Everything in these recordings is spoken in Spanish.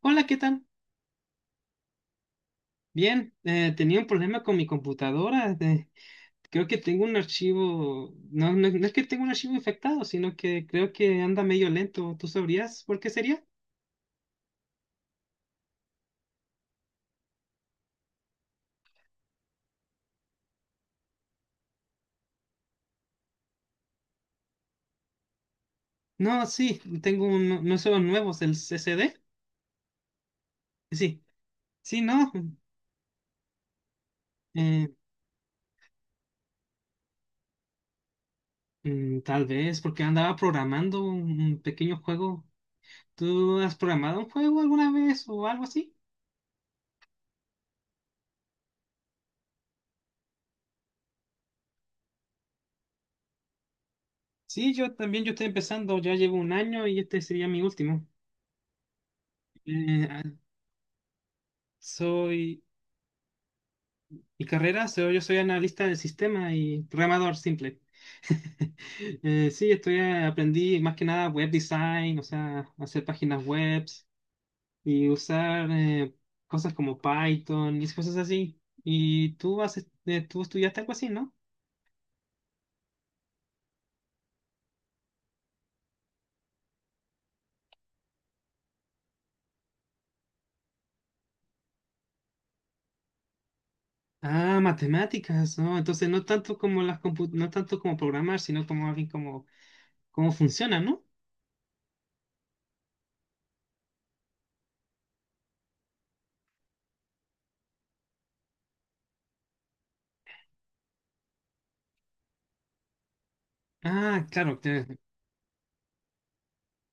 Hola, ¿qué tal? Bien, tenía un problema con mi computadora. Creo que tengo un archivo, no, no, no es que tengo un archivo infectado, sino que creo que anda medio lento. ¿Tú sabrías por qué sería? No, sí, no son los nuevos, el C C D. Sí, sí, no. eh, Tal vez porque andaba programando un pequeño juego. ¿Tú has programado un juego alguna vez o algo así? Sí, yo también, yo estoy empezando, ya llevo un año y este sería mi último. Eh, ah, Soy... Mi carrera, yo soy analista de sistemas y programador simple. Sí, estudié, aprendí más que nada web design, o sea, hacer páginas web y usar cosas como Python y esas cosas así. Y tú, haces, tú estudiaste algo así, ¿no? Ah, matemáticas, ¿no? Entonces no tanto como las no tanto como programar, sino como alguien como cómo funciona, ¿no? Ah, claro.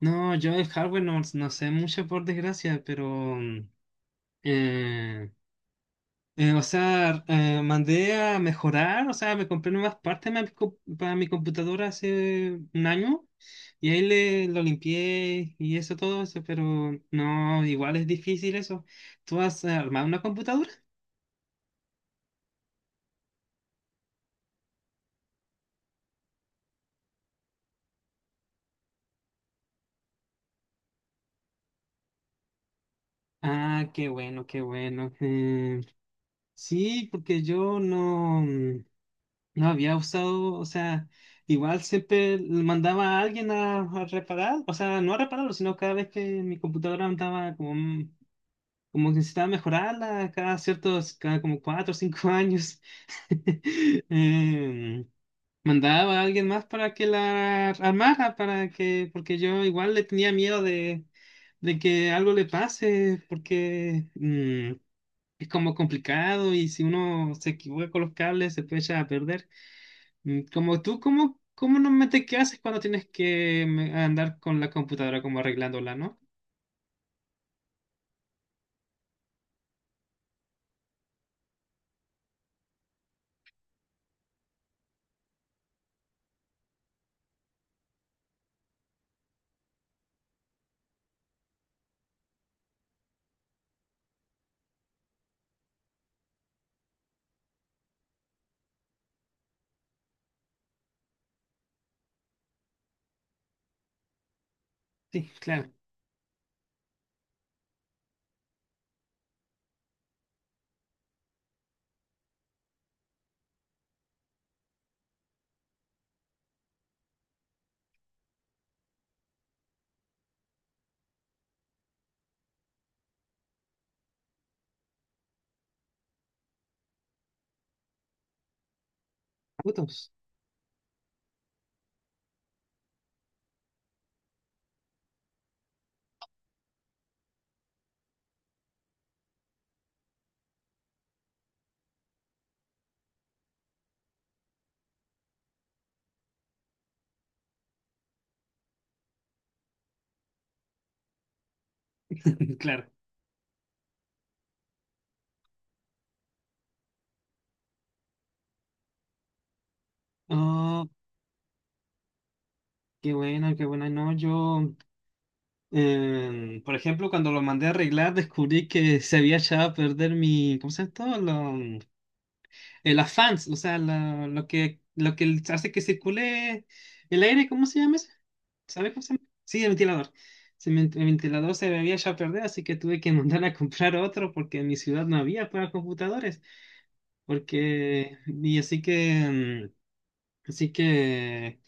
No, yo el hardware no, no sé mucho por desgracia, pero mm, eh, o sea, mandé a mejorar, o sea, me compré nuevas partes para para mi computadora hace un año y ahí lo limpié y eso todo eso, pero no, igual es difícil eso. ¿Tú has armado una computadora? Ah, qué bueno, qué bueno. Sí, porque yo no, no había usado, o sea, igual siempre le mandaba a alguien a reparar, o sea, no a repararlo, sino cada vez que mi computadora andaba como como que necesitaba mejorarla cada ciertos, cada como 4 o 5 años. Em, Mandaba a alguien más para que la armara, para que, porque yo igual le tenía miedo de que algo le pase, porque es como complicado y si uno se equivoca con los cables se puede echar a perder. Como tú, ¿cómo, cómo normalmente qué haces cuando tienes que andar con la computadora como arreglándola, ¿no? Sí, claro. Putos. Claro. Qué buena, qué buena. No, yo, por ejemplo, cuando lo mandé a arreglar, descubrí que se había echado a perder mi, ¿cómo se llama esto? Las fans, o sea, lo, lo que hace que circule el aire, ¿cómo se llama eso? ¿Sabes cómo se llama? Sí, el ventilador. El ventilador se me había echado a perder, así que tuve que mandar a comprar otro porque en mi ciudad no había para computadores. Porque, y así que... Así que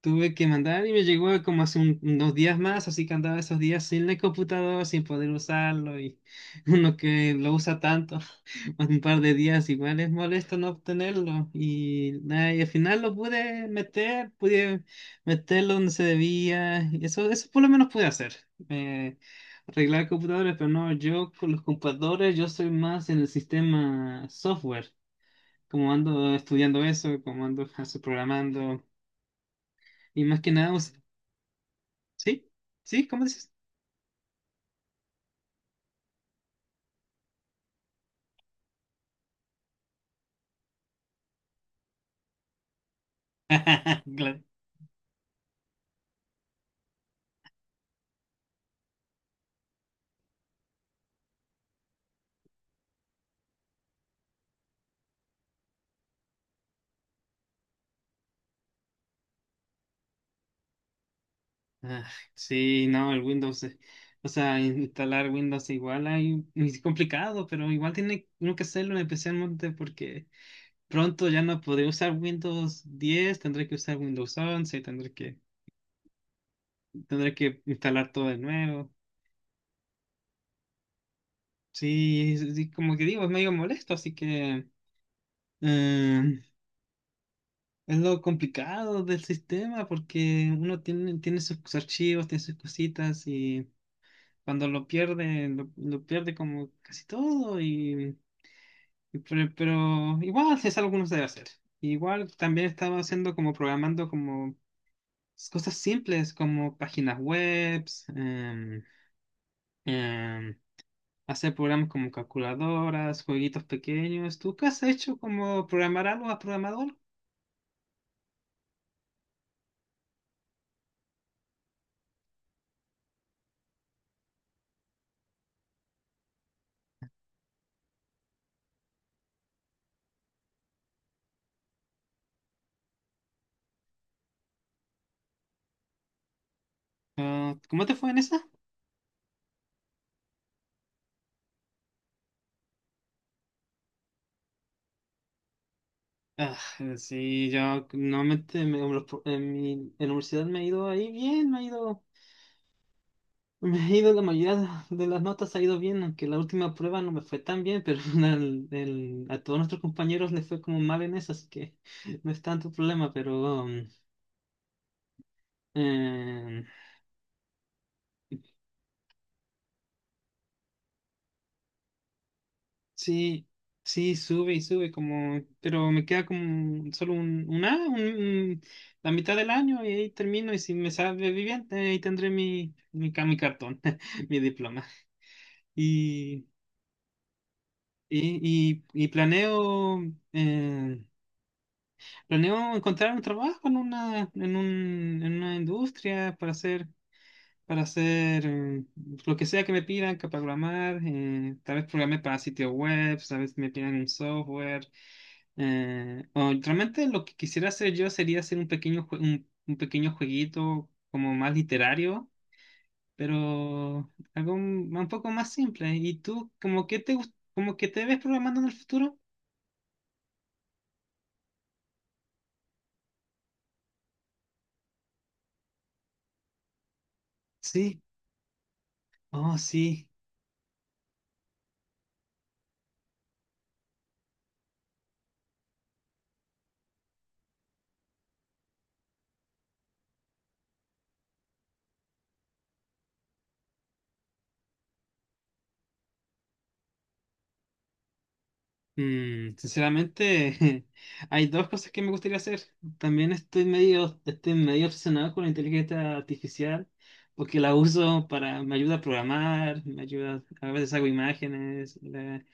tuve que mandar y me llegó como hace unos días más, así que andaba esos días sin el computador, sin poder usarlo y uno que lo usa tanto, un par de días igual es molesto no obtenerlo y, nada, y al final lo pude meter, pude meterlo donde se debía y eso por lo menos pude hacer. eh, Arreglar computadores, pero no, yo con los computadores yo soy más en el sistema software, como ando estudiando eso, como ando programando. Y más que nada, ¿sí? ¿Sí? ¿Cómo dices? Ah, claro. Ah, sí, no, el Windows. O sea, instalar Windows es complicado, pero igual tiene uno que hacerlo especialmente porque pronto ya no podré usar Windows 10, tendré que usar Windows 11, tendré que instalar todo de nuevo. Sí, es como que digo, es medio molesto, así que eh, es lo complicado del sistema porque uno tiene, tiene sus archivos, tiene sus cositas y... cuando lo pierde, lo pierde como casi todo y, pero igual es algo que uno debe hacer. Igual también estaba haciendo como programando como cosas simples como páginas webs, em, hacer programas como calculadoras, jueguitos pequeños. ¿Tú qué has hecho como programar algo? ¿Has programado algo? Ah, ¿cómo te fue en esa? Sí, yo normalmente en en mi en la universidad me ha ido ahí bien, me ha ido. Me ha ido la mayoría de las notas, ha ido bien, aunque la última prueba no me fue tan bien, pero a todos nuestros compañeros les fue como mal en eso, así que no es tanto problema, pero eh, sí, sí, sube y sube, como, pero me queda como solo un A, la mitad del año y ahí termino y si me sale bien, ahí tendré mi, mi, mi cartón, mi diploma. Y, y planeo... eh, Planeo encontrar un trabajo en una, en un, en una industria para hacer lo que sea que me pidan, que programar, tal vez programé para sitios web, tal vez me pidan un software. O realmente lo que quisiera hacer yo sería hacer un pequeño, un pequeño jueguito como más literario, pero algo un poco más simple. ¿Y tú, como que te, como que te ves programando en el futuro? Sí, oh, sí. Sinceramente, hay dos cosas que me gustaría hacer. También estoy medio obsesionado con la inteligencia artificial, porque la uso para, me ayuda a programar, me ayuda, a veces hago imágenes,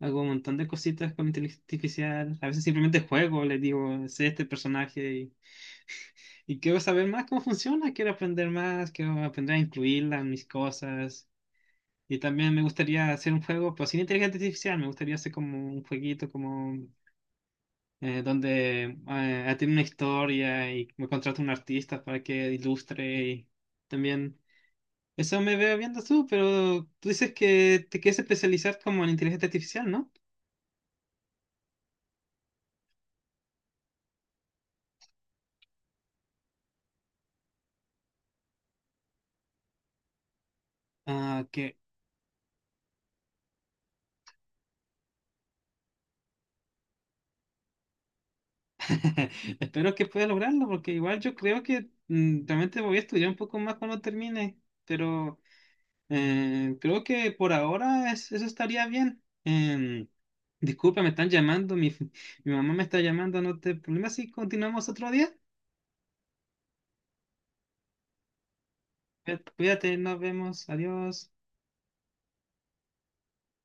hago un montón de cositas con inteligencia artificial. A veces simplemente juego, le digo, sé este personaje y quiero saber más cómo funciona, quiero aprender más, quiero aprender a incluirla en mis cosas. Y también me gustaría hacer un juego, pero sin inteligencia artificial, me gustaría hacer como un jueguito, como donde tiene una historia y me contrata un artista para que ilustre y también eso me veo viendo tú, pero tú dices que te quieres especializar como en inteligencia artificial, ¿no? Ah, que espero que puedas lograrlo, porque igual yo creo que realmente voy a estudiar un poco más cuando termine, pero creo que por ahora eso estaría bien. Disculpa, me están llamando, mi, mi mamá me está llamando, no te problema si continuamos otro día. Cuídate, nos vemos, adiós.